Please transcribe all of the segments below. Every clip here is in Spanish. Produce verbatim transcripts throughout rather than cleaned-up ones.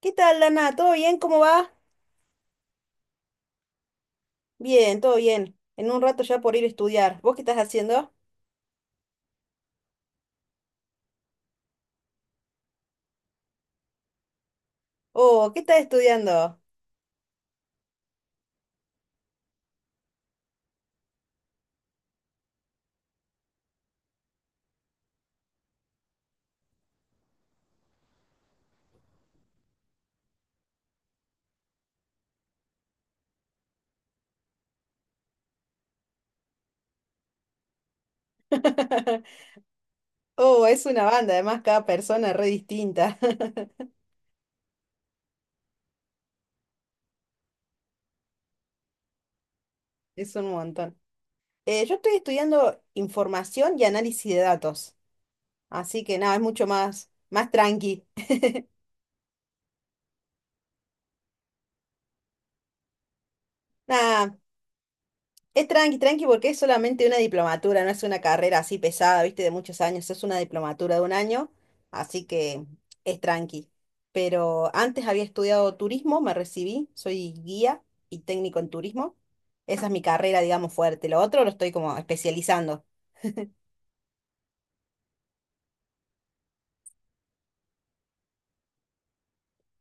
¿Qué tal, Lana? ¿Todo bien? ¿Cómo va? Bien, todo bien. En un rato ya por ir a estudiar. ¿Vos qué estás haciendo? Oh, ¿qué estás estudiando? Oh, es una banda, además cada persona es re distinta. Es un montón. Eh, yo estoy estudiando información y análisis de datos. Así que nada, es mucho más, más tranqui. Nada, es tranqui, tranqui, porque es solamente una diplomatura, no es una carrera así pesada, viste, de muchos años, es una diplomatura de un año, así que es tranqui. Pero antes había estudiado turismo, me recibí, soy guía y técnico en turismo. Esa es mi carrera, digamos, fuerte. Lo otro lo estoy como especializando.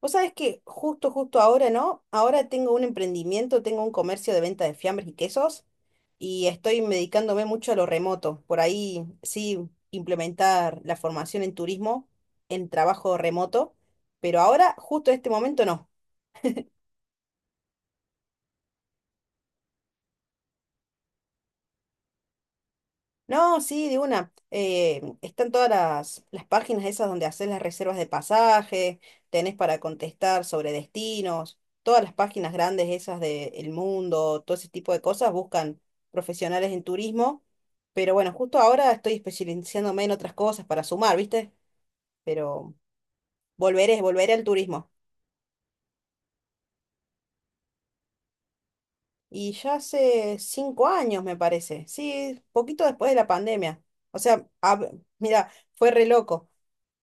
Vos sabés que justo, justo ahora, ¿no? Ahora tengo un emprendimiento, tengo un comercio de venta de fiambres y quesos y estoy dedicándome mucho a lo remoto. Por ahí sí implementar la formación en turismo en trabajo remoto, pero ahora, justo en este momento, no. No, sí, de una. Eh, están todas las, las páginas esas donde haces las reservas de pasaje, tenés para contestar sobre destinos, todas las páginas grandes esas de El Mundo, todo ese tipo de cosas buscan profesionales en turismo. Pero bueno, justo ahora estoy especializándome en otras cosas para sumar, ¿viste? Pero volveré, volveré al turismo. Y ya hace cinco años, me parece. Sí, poquito después de la pandemia. O sea, a- mira, fue re loco.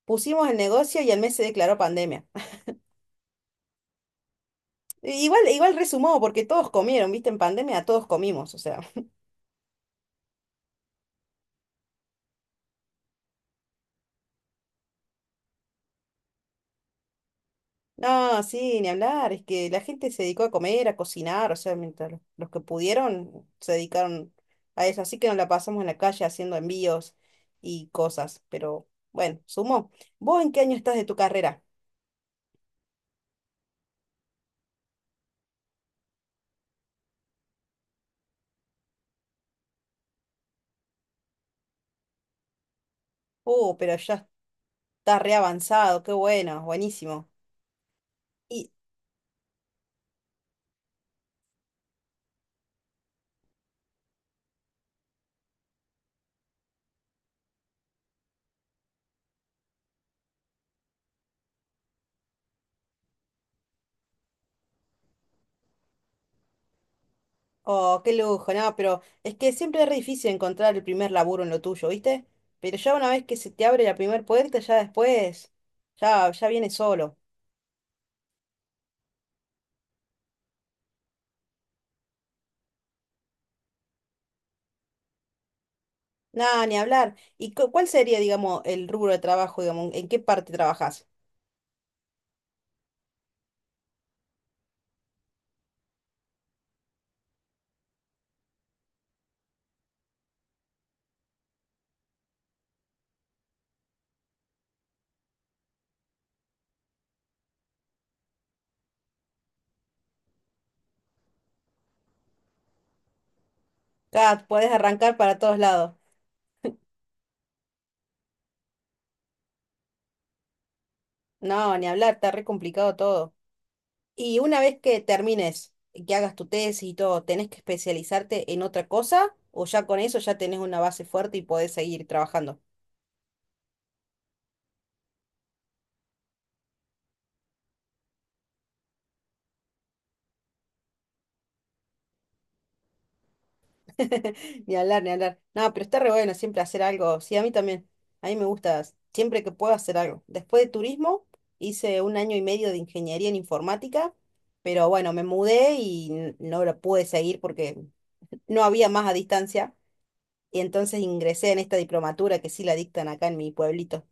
Pusimos el negocio y al mes se declaró pandemia. Igual, igual resumó, porque todos comieron, ¿viste? En pandemia todos comimos, o sea. No, sí, ni hablar, es que la gente se dedicó a comer, a cocinar, o sea, mientras los, los que pudieron se dedicaron a eso. Así que nos la pasamos en la calle haciendo envíos y cosas, pero bueno, sumó. ¿Vos en qué año estás de tu carrera? Oh, pero ya está re avanzado, qué bueno, buenísimo. Y oh, qué lujo, no, pero es que siempre es re difícil encontrar el primer laburo en lo tuyo, ¿viste? Pero ya una vez que se te abre la primer puerta, ya después, ya, ya viene solo. Nada, ni hablar. ¿Y cu- cuál sería, digamos, el rubro de trabajo, digamos, en qué parte trabajas? Ah, podés arrancar para todos lados. No, ni hablar, está re complicado todo. Y una vez que termines, que hagas tu tesis y todo, ¿tenés que especializarte en otra cosa? ¿O ya con eso ya tenés una base fuerte y podés seguir trabajando? Ni hablar, ni hablar. No, pero está re bueno siempre hacer algo. Sí, a mí también. A mí me gusta siempre que puedo hacer algo. Después de turismo, hice un año y medio de ingeniería en informática, pero bueno, me mudé y n- no lo pude seguir porque no había más a distancia. Y entonces ingresé en esta diplomatura que sí la dictan acá en mi pueblito.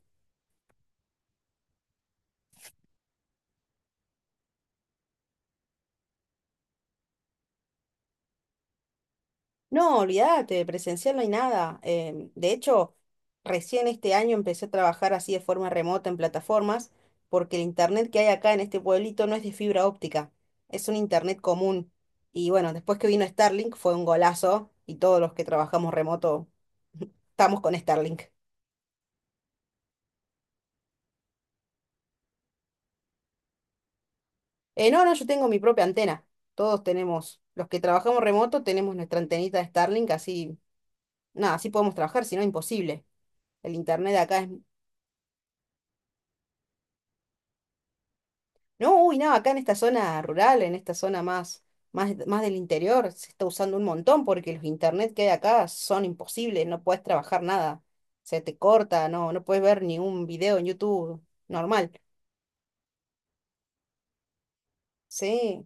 No, olvídate, presencial no hay nada. Em, de hecho, recién este año empecé a trabajar así de forma remota en plataformas, porque el internet que hay acá en este pueblito no es de fibra óptica, es un internet común. Y bueno, después que vino Starlink fue un golazo y todos los que trabajamos remoto estamos con Starlink. Eh, no, no, yo tengo mi propia antena. Todos tenemos, los que trabajamos remoto tenemos nuestra antenita de Starlink, así, nada, así podemos trabajar, si no, imposible. El internet de acá es. No, uy, no, acá en esta zona rural, en esta zona más, más, más del interior, se está usando un montón porque los internet que hay acá son imposibles, no puedes trabajar nada, se te corta, no, no puedes ver ni un video en YouTube normal. Sí.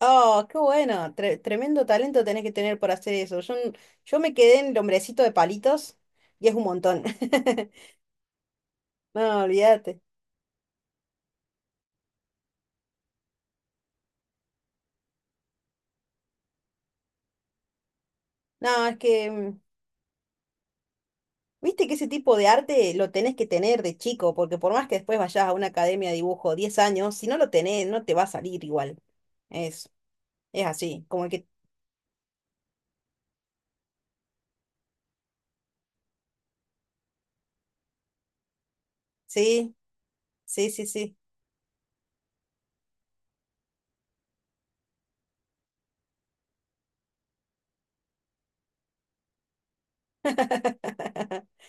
Oh, qué bueno, tre- tremendo talento tenés que tener para hacer eso. Yo, n- yo me quedé en el hombrecito de palitos y es un montón. No, olvídate. No, es que mm, viste que ese tipo de arte lo tenés que tener de chico, porque por más que después vayas a una academia de dibujo diez años, si no lo tenés, no te va a salir igual. Es, es así, como que sí, sí, sí, sí.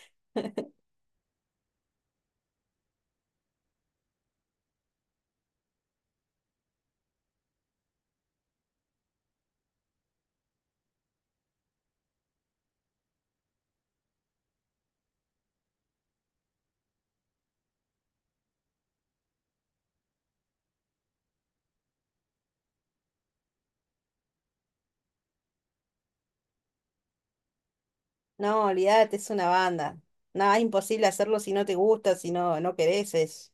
No, olvídate, es una banda. Nada, es imposible hacerlo si no te gusta, si no, no querés, es,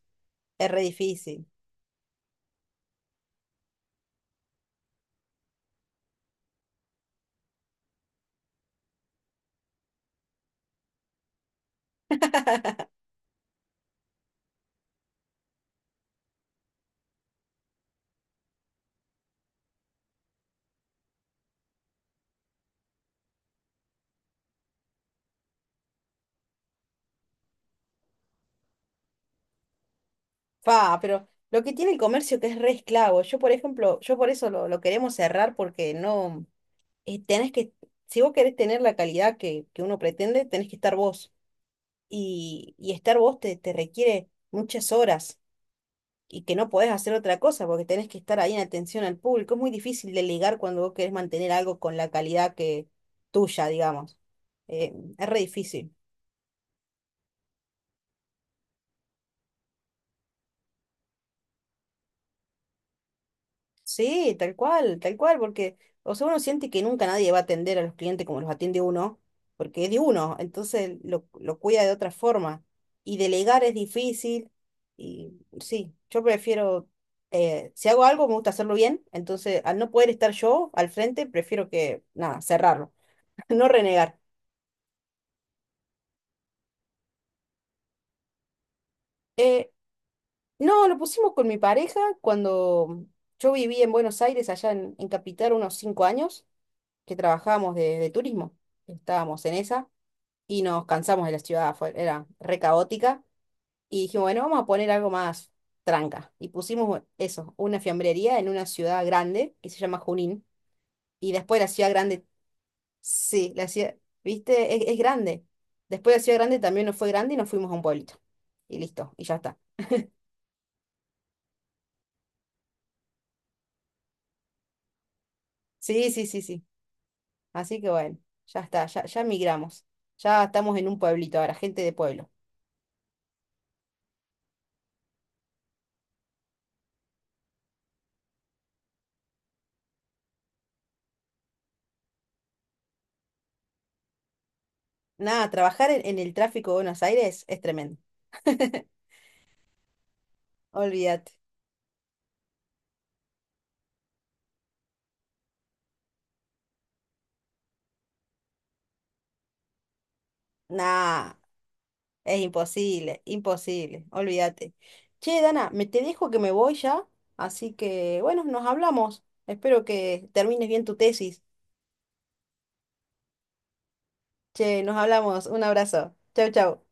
es re difícil. Fa, pero lo que tiene el comercio que es re esclavo, yo por ejemplo, yo por eso lo, lo queremos cerrar porque no, eh, tenés que, si vos querés tener la calidad que, que uno pretende, tenés que estar vos. y, y estar vos te, te requiere muchas horas y que no podés hacer otra cosa porque tenés que estar ahí en atención al público. Es muy difícil delegar cuando vos querés mantener algo con la calidad que tuya, digamos. Eh, es re difícil. Sí, tal cual, tal cual, porque, o sea, uno siente que nunca nadie va a atender a los clientes como los atiende uno, porque es de uno, entonces lo, lo cuida de otra forma. Y delegar es difícil, y sí, yo prefiero, eh, si hago algo me gusta hacerlo bien, entonces al no poder estar yo al frente, prefiero que, nada, cerrarlo, no renegar. Eh, no, lo pusimos con mi pareja cuando yo viví en Buenos Aires, allá en, en Capital, unos cinco años, que trabajábamos de de turismo, estábamos en esa. Y nos cansamos de la ciudad, fue- era re caótica, y dijimos, bueno, vamos a poner algo más tranca. Y pusimos eso, una fiambrería en una ciudad grande que se llama Junín, y después la ciudad grande, sí, la ciudad, viste, es, es grande. Después la ciudad grande también nos fue grande y nos fuimos a un pueblito. Y listo, y ya está. Sí, sí, sí, sí. Así que bueno, ya está, ya, ya migramos. Ya estamos en un pueblito ahora, gente de pueblo. Nada, trabajar en, en el tráfico de Buenos Aires es tremendo. Olvídate. Nah. Es imposible, imposible, olvídate. Che, Dana, me te dejo que me voy ya, así que bueno, nos hablamos. Espero que termines bien tu tesis. Che, nos hablamos. Un abrazo. Chau, chau.